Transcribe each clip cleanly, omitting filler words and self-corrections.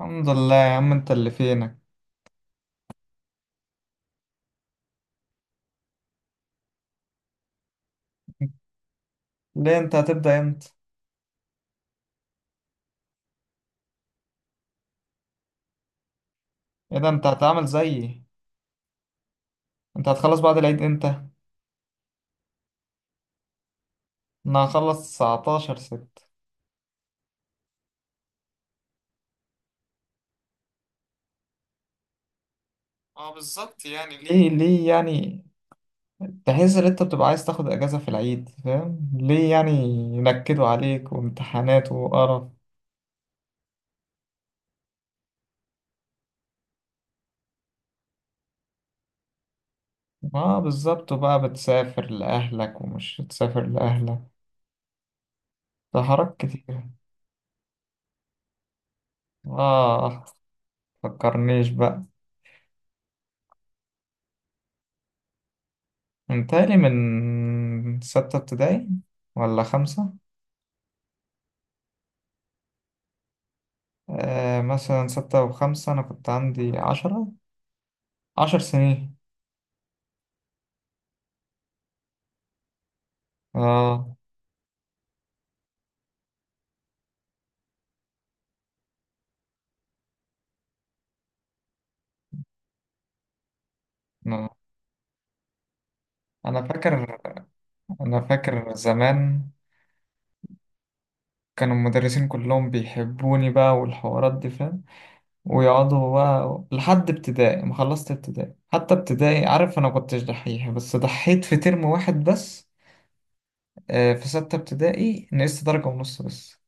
الحمد لله يا عم، انت اللي فينك. ليه؟ انت هتبدأ امتى؟ ايه ده، انت هتعمل زيي؟ انت هتخلص بعد العيد امتى؟ انا هخلص 19 ستة. اه بالظبط. يعني ليه يعني؟ تحس ان انت بتبقى عايز تاخد اجازة في العيد، فاهم؟ ليه يعني ينكدوا عليك وامتحانات وقرف. اه بالظبط، وبقى بتسافر لأهلك ومش تسافر لأهلك. ده حركات كتير. اه فكرنيش بقى. انتهي من ستة ابتدائي ولا خمسة؟ آه مثلا ستة وخمسة، أنا كنت عندي 10، 10 سنين. آه. آه. أنا فاكر. أنا فاكر زمان كانوا المدرسين كلهم بيحبوني بقى والحوارات دي، فاهم؟ ويقعدوا بقى لحد ابتدائي ما خلصت ابتدائي، حتى ابتدائي، عارف، أنا كنتش دحيح بس ضحيت في ترم واحد بس. آه في ستة ابتدائي نقصت درجة ونص بس.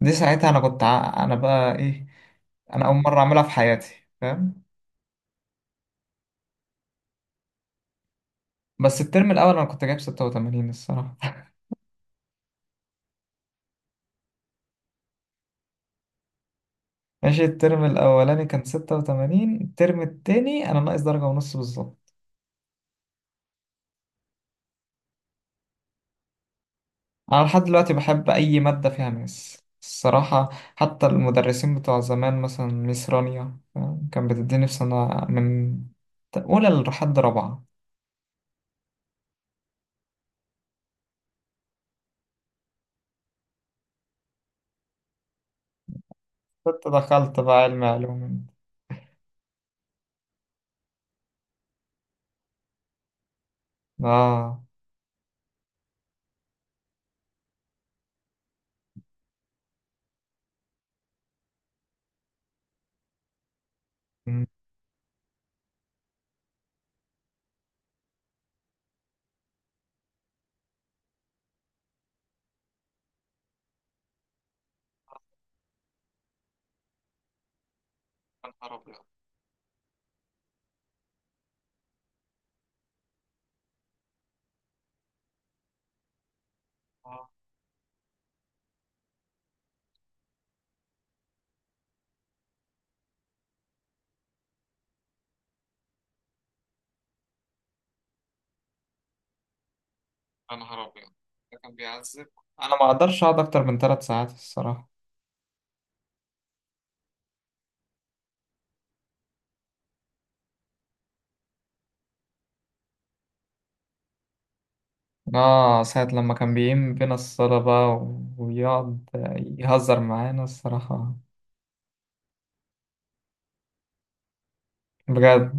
دي ساعتها أنا كنت أنا بقى إيه؟ أنا أول مرة أعملها في حياتي، فاهم. بس الترم الأول أنا كنت جايب 86 الصراحة. ماشي. الترم الأولاني كان 86، الترم التاني أنا ناقص درجة ونص بالظبط. أنا لحد دلوقتي بحب أي مادة فيها ماس الصراحة. حتى المدرسين بتوع زمان مثلا ميس رانيا، فاهم؟ كان بتديني في سنة من أولى لحد رابعة. كنت دخلت بقى علم علوم. آه. يا نهار أبيض. آه، يا نهار أبيض. ده كان بيعذب. أنا ما أقدرش أقعد أكتر من 3 ساعات الصراحة. اه ساعة لما كان بيقيم بينا الصلاة بقى ويقعد يهزر معانا الصراحة بجد.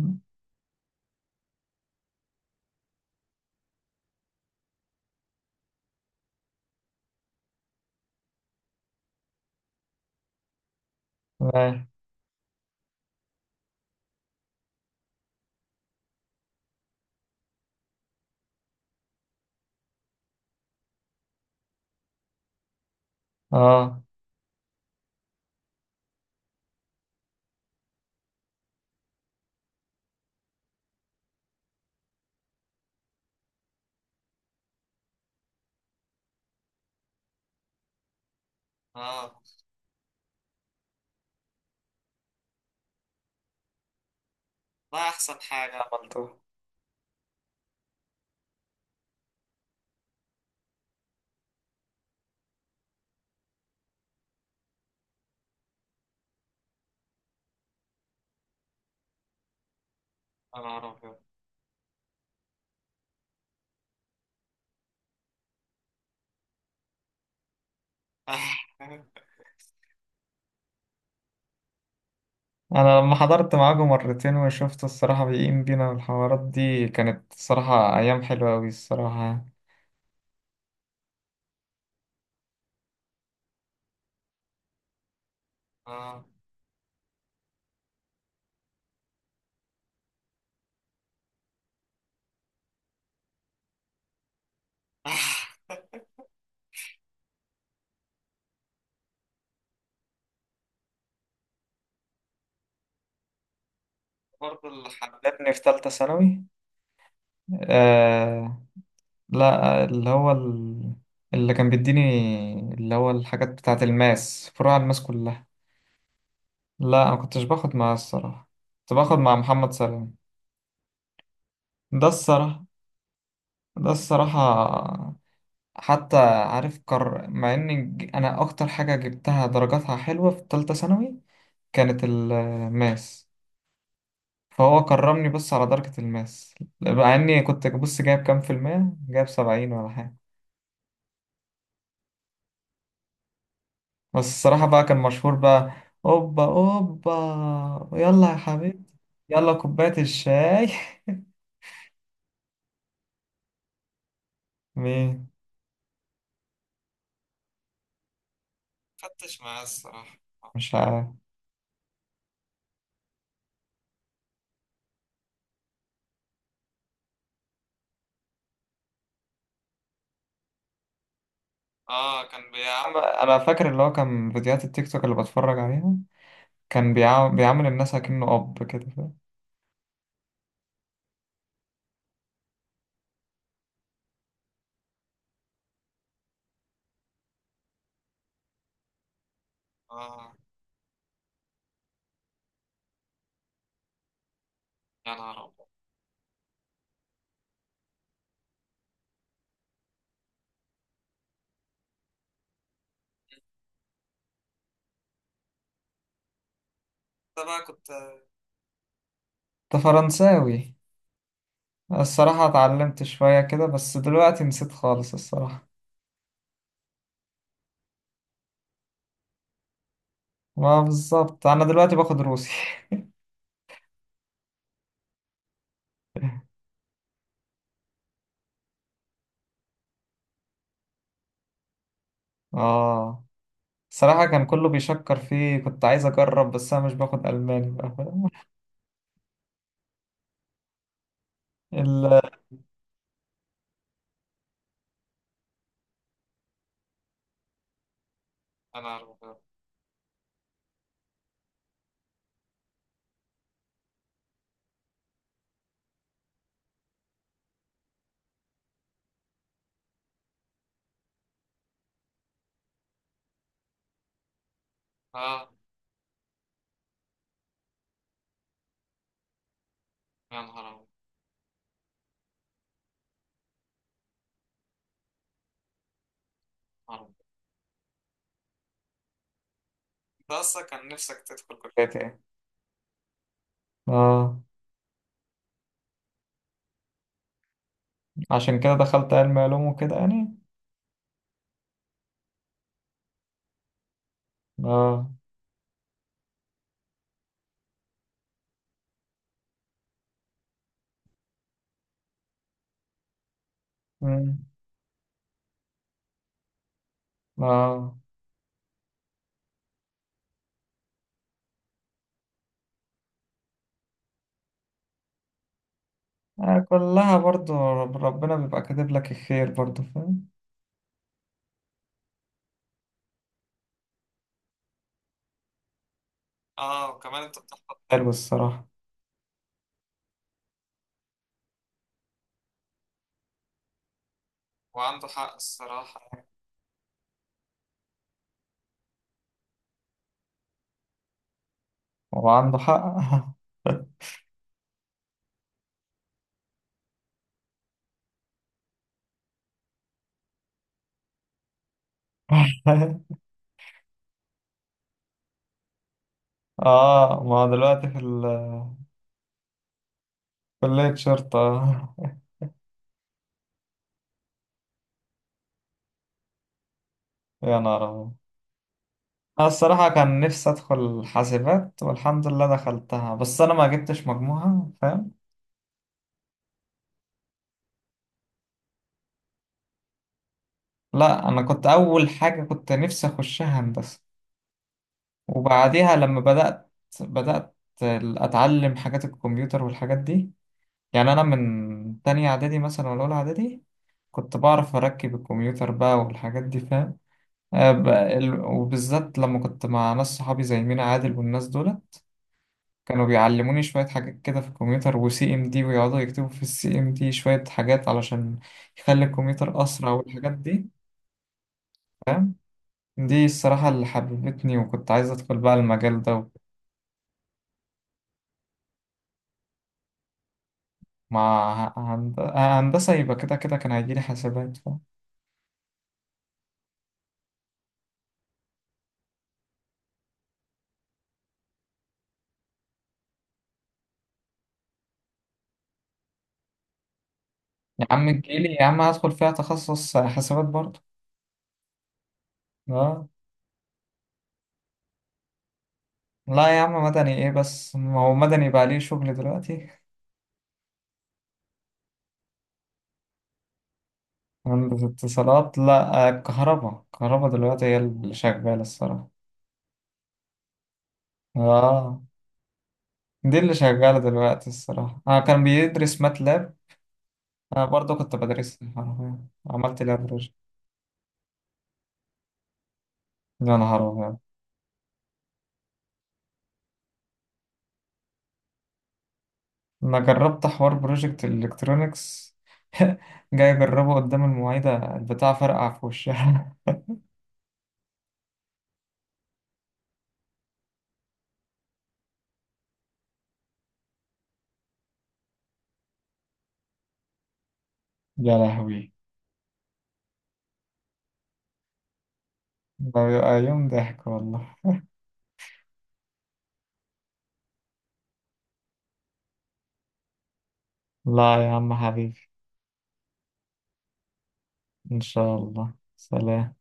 اه. آه. اه ده احسن حاجة عملتوها. يا نهار ابيض. انا لما حضرت معاكم مرتين وشفت الصراحة بيقيم بينا الحوارات دي، كانت الصراحة ايام حلوة اوي الصراحة. اه. برضه الحد ابني في تالتة ثانوي. لا، اللي هو اللي كان بيديني، اللي هو الحاجات بتاعة الماس، فروع الماس كلها. لا أنا مكنتش باخد معاه الصراحة، كنت باخد مع محمد سلام. ده الصراحة. ده الصراحة. حتى عارف، مع إن أنا أكتر حاجة جبتها درجاتها حلوة في تالتة ثانوي كانت الماس. فهو كرمني بس على درجة الماس، مع إني كنت بص جايب كام في المية، جايب 70 ولا حاجة. بس الصراحة بقى كان مشهور بقى. أوبا أوبا، يلا يا حبيبي، يلا كوباية الشاي. مين؟ فتش معاه الصراحة. مش عارف. اه كان بيعمل، انا فاكر اللي هو كان فيديوهات التيك توك اللي بتفرج عليها، كان بيعمل الناس اكنه اب كده، فاهم. اه يا نهار ابيض. انت بقى كنت، انت فرنساوي. الصراحة اتعلمت شوية كده بس دلوقتي نسيت خالص الصراحة. ما بالظبط، انا دلوقتي باخد روسي. اه صراحة كان كله بيشكر فيه، كنت عايز أجرب بس أنا مش باخد ألماني بقى، فاهم. ال- انا أبيض. اه يا نهار أبيض. نهار أبيض. انت اصلا كان نفسك تدخل كلية ايه؟ آه. عشان كده دخلت علم علوم وكده يعني. آه. مم. آه. آه، كلها برضو، ربنا بيبقى كاتب لك الخير برضو، فاهم. اه وكمان انت بتحفظ حلو حلو الصراحة. وعنده حق الصراحة. هو عنده حق. آه ما هو دلوقتي في كلية شرطة. يا نهار أبيض. أنا الصراحة كان نفسي أدخل حاسبات، والحمد لله دخلتها بس أنا ما جبتش مجموعة، فاهم. لا أنا كنت أول حاجة كنت نفسي أخشها هندسة. وبعديها لما بدأت أتعلم حاجات الكمبيوتر والحاجات دي. يعني أنا من تانية إعدادي مثلا ولا أولى إعدادي كنت بعرف أركب الكمبيوتر بقى والحاجات دي، فاهم. آه، وبالذات لما كنت مع ناس صحابي زي مينا عادل والناس دول، كانوا بيعلموني شوية حاجات كده في الكمبيوتر وسي ام دي، ويقعدوا يكتبوا في السي ام دي شوية حاجات علشان يخلي الكمبيوتر أسرع والحاجات دي، فاهم. دي الصراحة اللي حببتني، وكنت عايز أدخل بقى المجال ده. مع هندسة يبقى كده كده كان هيجيلي حسابات، فاهم. يا عم تجيلي يا عم هدخل فيها تخصص حسابات برضه. اه لا يا عم، مدني ايه بس، ما هو مدني بقى ليه شغل دلوقتي. هندسة اتصالات لا، آه، كهربا كهربا دلوقتي هي اللي شغالة الصراحة. اه دي اللي شغالة دلوقتي الصراحة. أنا كان بيدرس ماتلاب. أنا برضه كنت بدرسها حرفيا، عملت لها بروجكت. يا نهار أبيض. أنا جربت حوار بروجكت الإلكترونيكس. جاي أجربه قدام المعيدة البتاع، فرقع في وشها. يا لهوي ده بيبقى يوم ضحك والله. لا يا عم حبيبي. إن شاء الله، سلام.